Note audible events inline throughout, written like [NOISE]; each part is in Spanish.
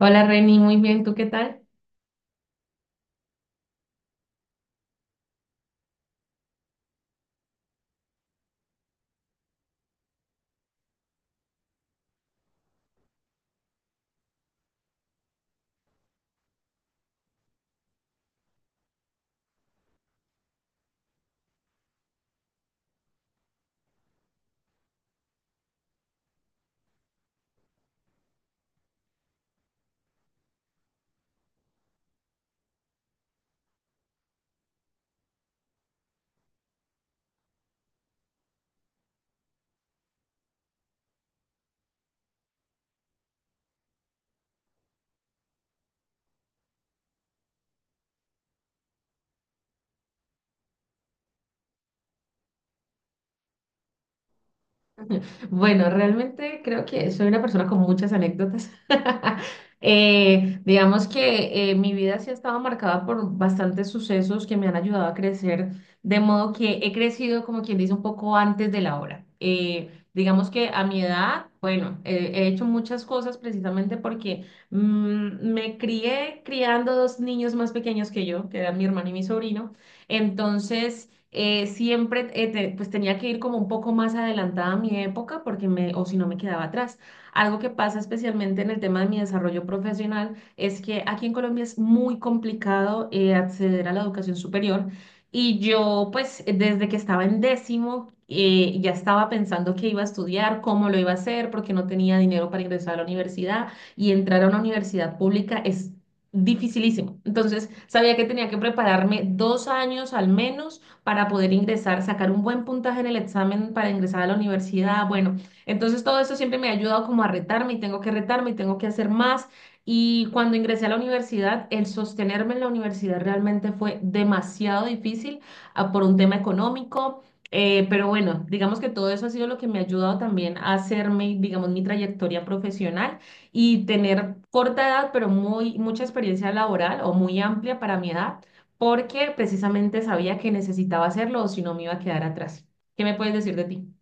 Hola Reni, muy bien, ¿tú qué tal? Bueno, realmente creo que soy una persona con muchas anécdotas. [LAUGHS] Digamos que mi vida sí ha estado marcada por bastantes sucesos que me han ayudado a crecer, de modo que he crecido, como quien dice, un poco antes de la hora. Digamos que a mi edad, bueno, he hecho muchas cosas precisamente porque me crié criando dos niños más pequeños que yo, que eran mi hermano y mi sobrino. Entonces siempre pues tenía que ir como un poco más adelantada a mi época porque me, o si no me quedaba atrás. Algo que pasa especialmente en el tema de mi desarrollo profesional es que aquí en Colombia es muy complicado acceder a la educación superior, y yo pues desde que estaba en décimo ya estaba pensando qué iba a estudiar, cómo lo iba a hacer, porque no tenía dinero para ingresar a la universidad, y entrar a una universidad pública es dificilísimo. Entonces sabía que tenía que prepararme 2 años al menos para poder ingresar, sacar un buen puntaje en el examen para ingresar a la universidad. Bueno, entonces todo eso siempre me ha ayudado como a retarme, y tengo que retarme y tengo que hacer más. Y cuando ingresé a la universidad, el sostenerme en la universidad realmente fue demasiado difícil, por un tema económico. Pero bueno, digamos que todo eso ha sido lo que me ha ayudado también a hacerme, digamos, mi trayectoria profesional y tener corta edad, pero muy, mucha experiencia laboral o muy amplia para mi edad porque precisamente sabía que necesitaba hacerlo o si no me iba a quedar atrás. ¿Qué me puedes decir de ti?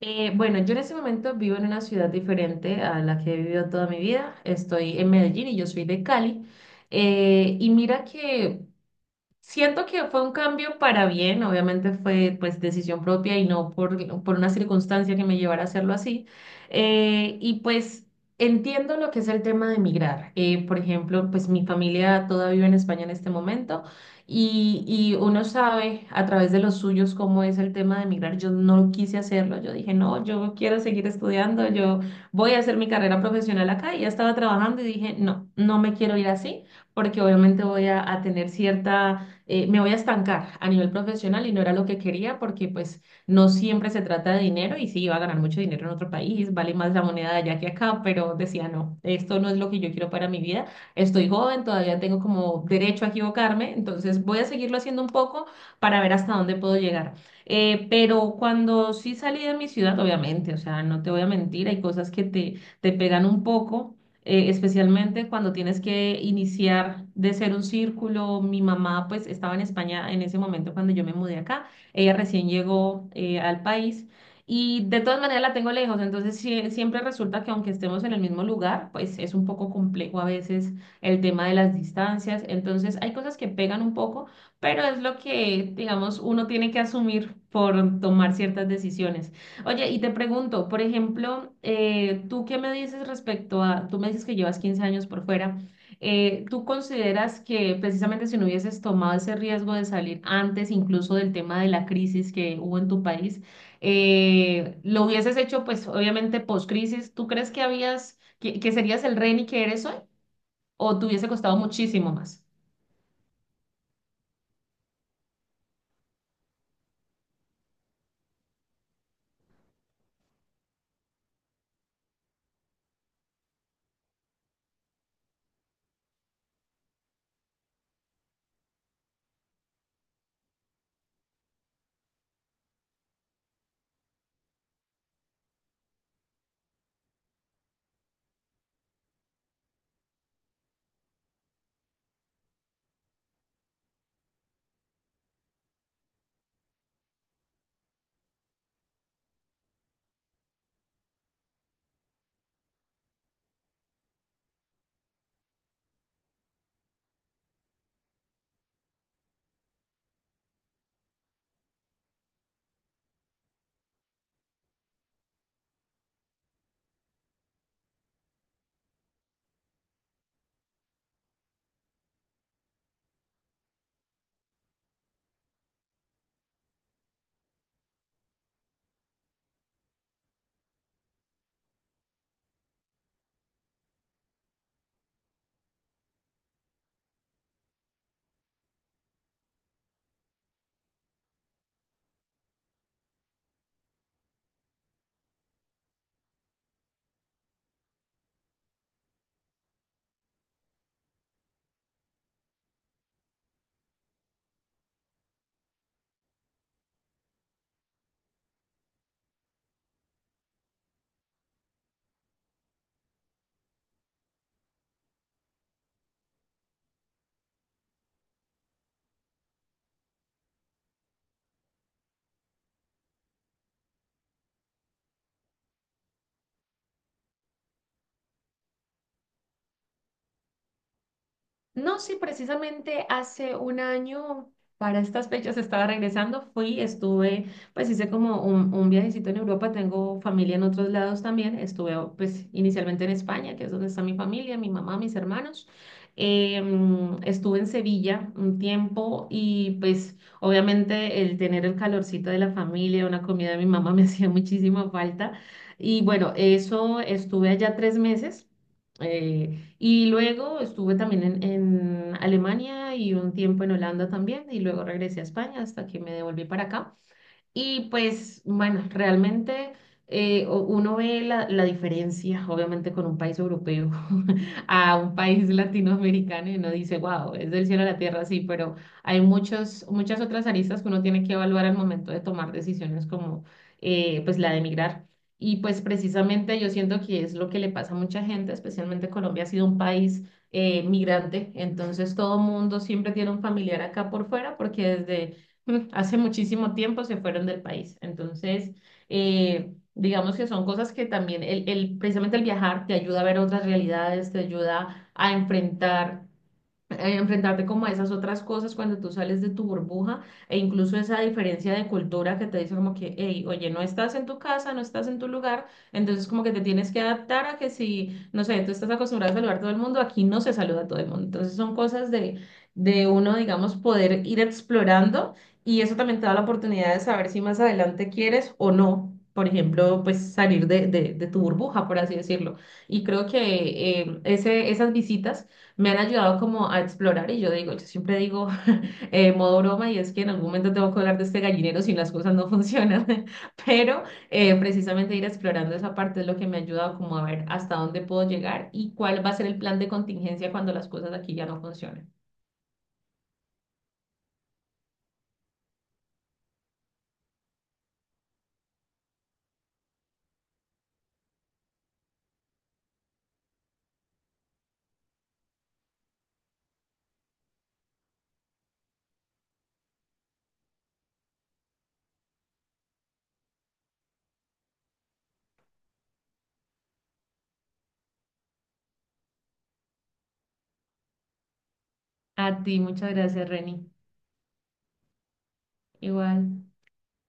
Bueno, yo en este momento vivo en una ciudad diferente a la que he vivido toda mi vida. Estoy en Medellín y yo soy de Cali. Y mira que siento que fue un cambio para bien, obviamente fue pues decisión propia y no por, una circunstancia que me llevara a hacerlo así. Y pues entiendo lo que es el tema de emigrar. Por ejemplo, pues mi familia toda vive en España en este momento, y uno sabe a través de los suyos cómo es el tema de emigrar. Yo no quise hacerlo, yo dije, no, yo quiero seguir estudiando, yo voy a hacer mi carrera profesional acá y ya estaba trabajando y dije, no, no me quiero ir así porque obviamente voy a tener cierta me voy a estancar a nivel profesional y no era lo que quería porque pues no siempre se trata de dinero y sí, iba a ganar mucho dinero en otro país, vale más la moneda de allá que acá, pero decía, no, esto no es lo que yo quiero para mi vida, estoy joven, todavía tengo como derecho a equivocarme, entonces voy a seguirlo haciendo un poco para ver hasta dónde puedo llegar. Pero cuando sí salí de mi ciudad, obviamente, o sea, no te voy a mentir, hay cosas que te pegan un poco, especialmente cuando tienes que iniciar de ser un círculo. Mi mamá pues estaba en España en ese momento cuando yo me mudé acá, ella recién llegó al país y de todas maneras la tengo lejos, entonces siempre resulta que aunque estemos en el mismo lugar, pues es un poco complejo a veces el tema de las distancias, entonces hay cosas que pegan un poco, pero es lo que digamos uno tiene que asumir por tomar ciertas decisiones. Oye, y te pregunto, por ejemplo, ¿tú qué me dices respecto a, tú me dices que llevas 15 años por fuera, ¿tú consideras que precisamente si no hubieses tomado ese riesgo de salir antes incluso del tema de la crisis que hubo en tu país, lo hubieses hecho pues obviamente post-crisis, ¿tú crees que habías, que serías el Reni que eres hoy o te hubiese costado muchísimo más? No, sí, precisamente hace un año, para estas fechas estaba regresando, fui, estuve, pues hice como un viajecito en Europa, tengo familia en otros lados también, estuve pues inicialmente en España, que es donde está mi familia, mi mamá, mis hermanos. Em, estuve en Sevilla un tiempo y pues obviamente el tener el calorcito de la familia, una comida de mi mamá me [LAUGHS] hacía muchísima falta, y bueno, eso estuve allá 3 meses. Eh, y luego estuve también en Alemania y un tiempo en Holanda también, y luego regresé a España hasta que me devolví para acá. Y pues, bueno, realmente uno ve la, la diferencia, obviamente, con un país europeo [LAUGHS] a un país latinoamericano y uno dice, wow, es del cielo a la tierra, sí, pero hay muchos, muchas otras aristas que uno tiene que evaluar al momento de tomar decisiones como pues la de emigrar. Y pues precisamente yo siento que es lo que le pasa a mucha gente, especialmente Colombia ha sido un país migrante, entonces todo mundo siempre tiene un familiar acá por fuera porque desde [LAUGHS] hace muchísimo tiempo se fueron del país. Entonces, digamos que son cosas que también, precisamente el viajar te ayuda a ver otras realidades, te ayuda a enfrentar enfrentarte como a esas otras cosas cuando tú sales de tu burbuja, e incluso esa diferencia de cultura que te dice como que, hey, oye, no estás en tu casa, no estás en tu lugar, entonces como que te tienes que adaptar a que si, no sé, tú estás acostumbrado a saludar a todo el mundo, aquí no se saluda a todo el mundo. Entonces son cosas de uno, digamos, poder ir explorando, y eso también te da la oportunidad de saber si más adelante quieres o no. Por ejemplo, pues salir de, de tu burbuja, por así decirlo. Y creo que ese, esas visitas me han ayudado como a explorar y yo digo, yo siempre digo [LAUGHS] modo broma y es que en algún momento tengo que hablar de este gallinero si las cosas no funcionan, [LAUGHS] pero precisamente ir explorando esa parte es lo que me ha ayudado como a ver hasta dónde puedo llegar y cuál va a ser el plan de contingencia cuando las cosas aquí ya no funcionen. A ti, muchas gracias, Reni. Igual.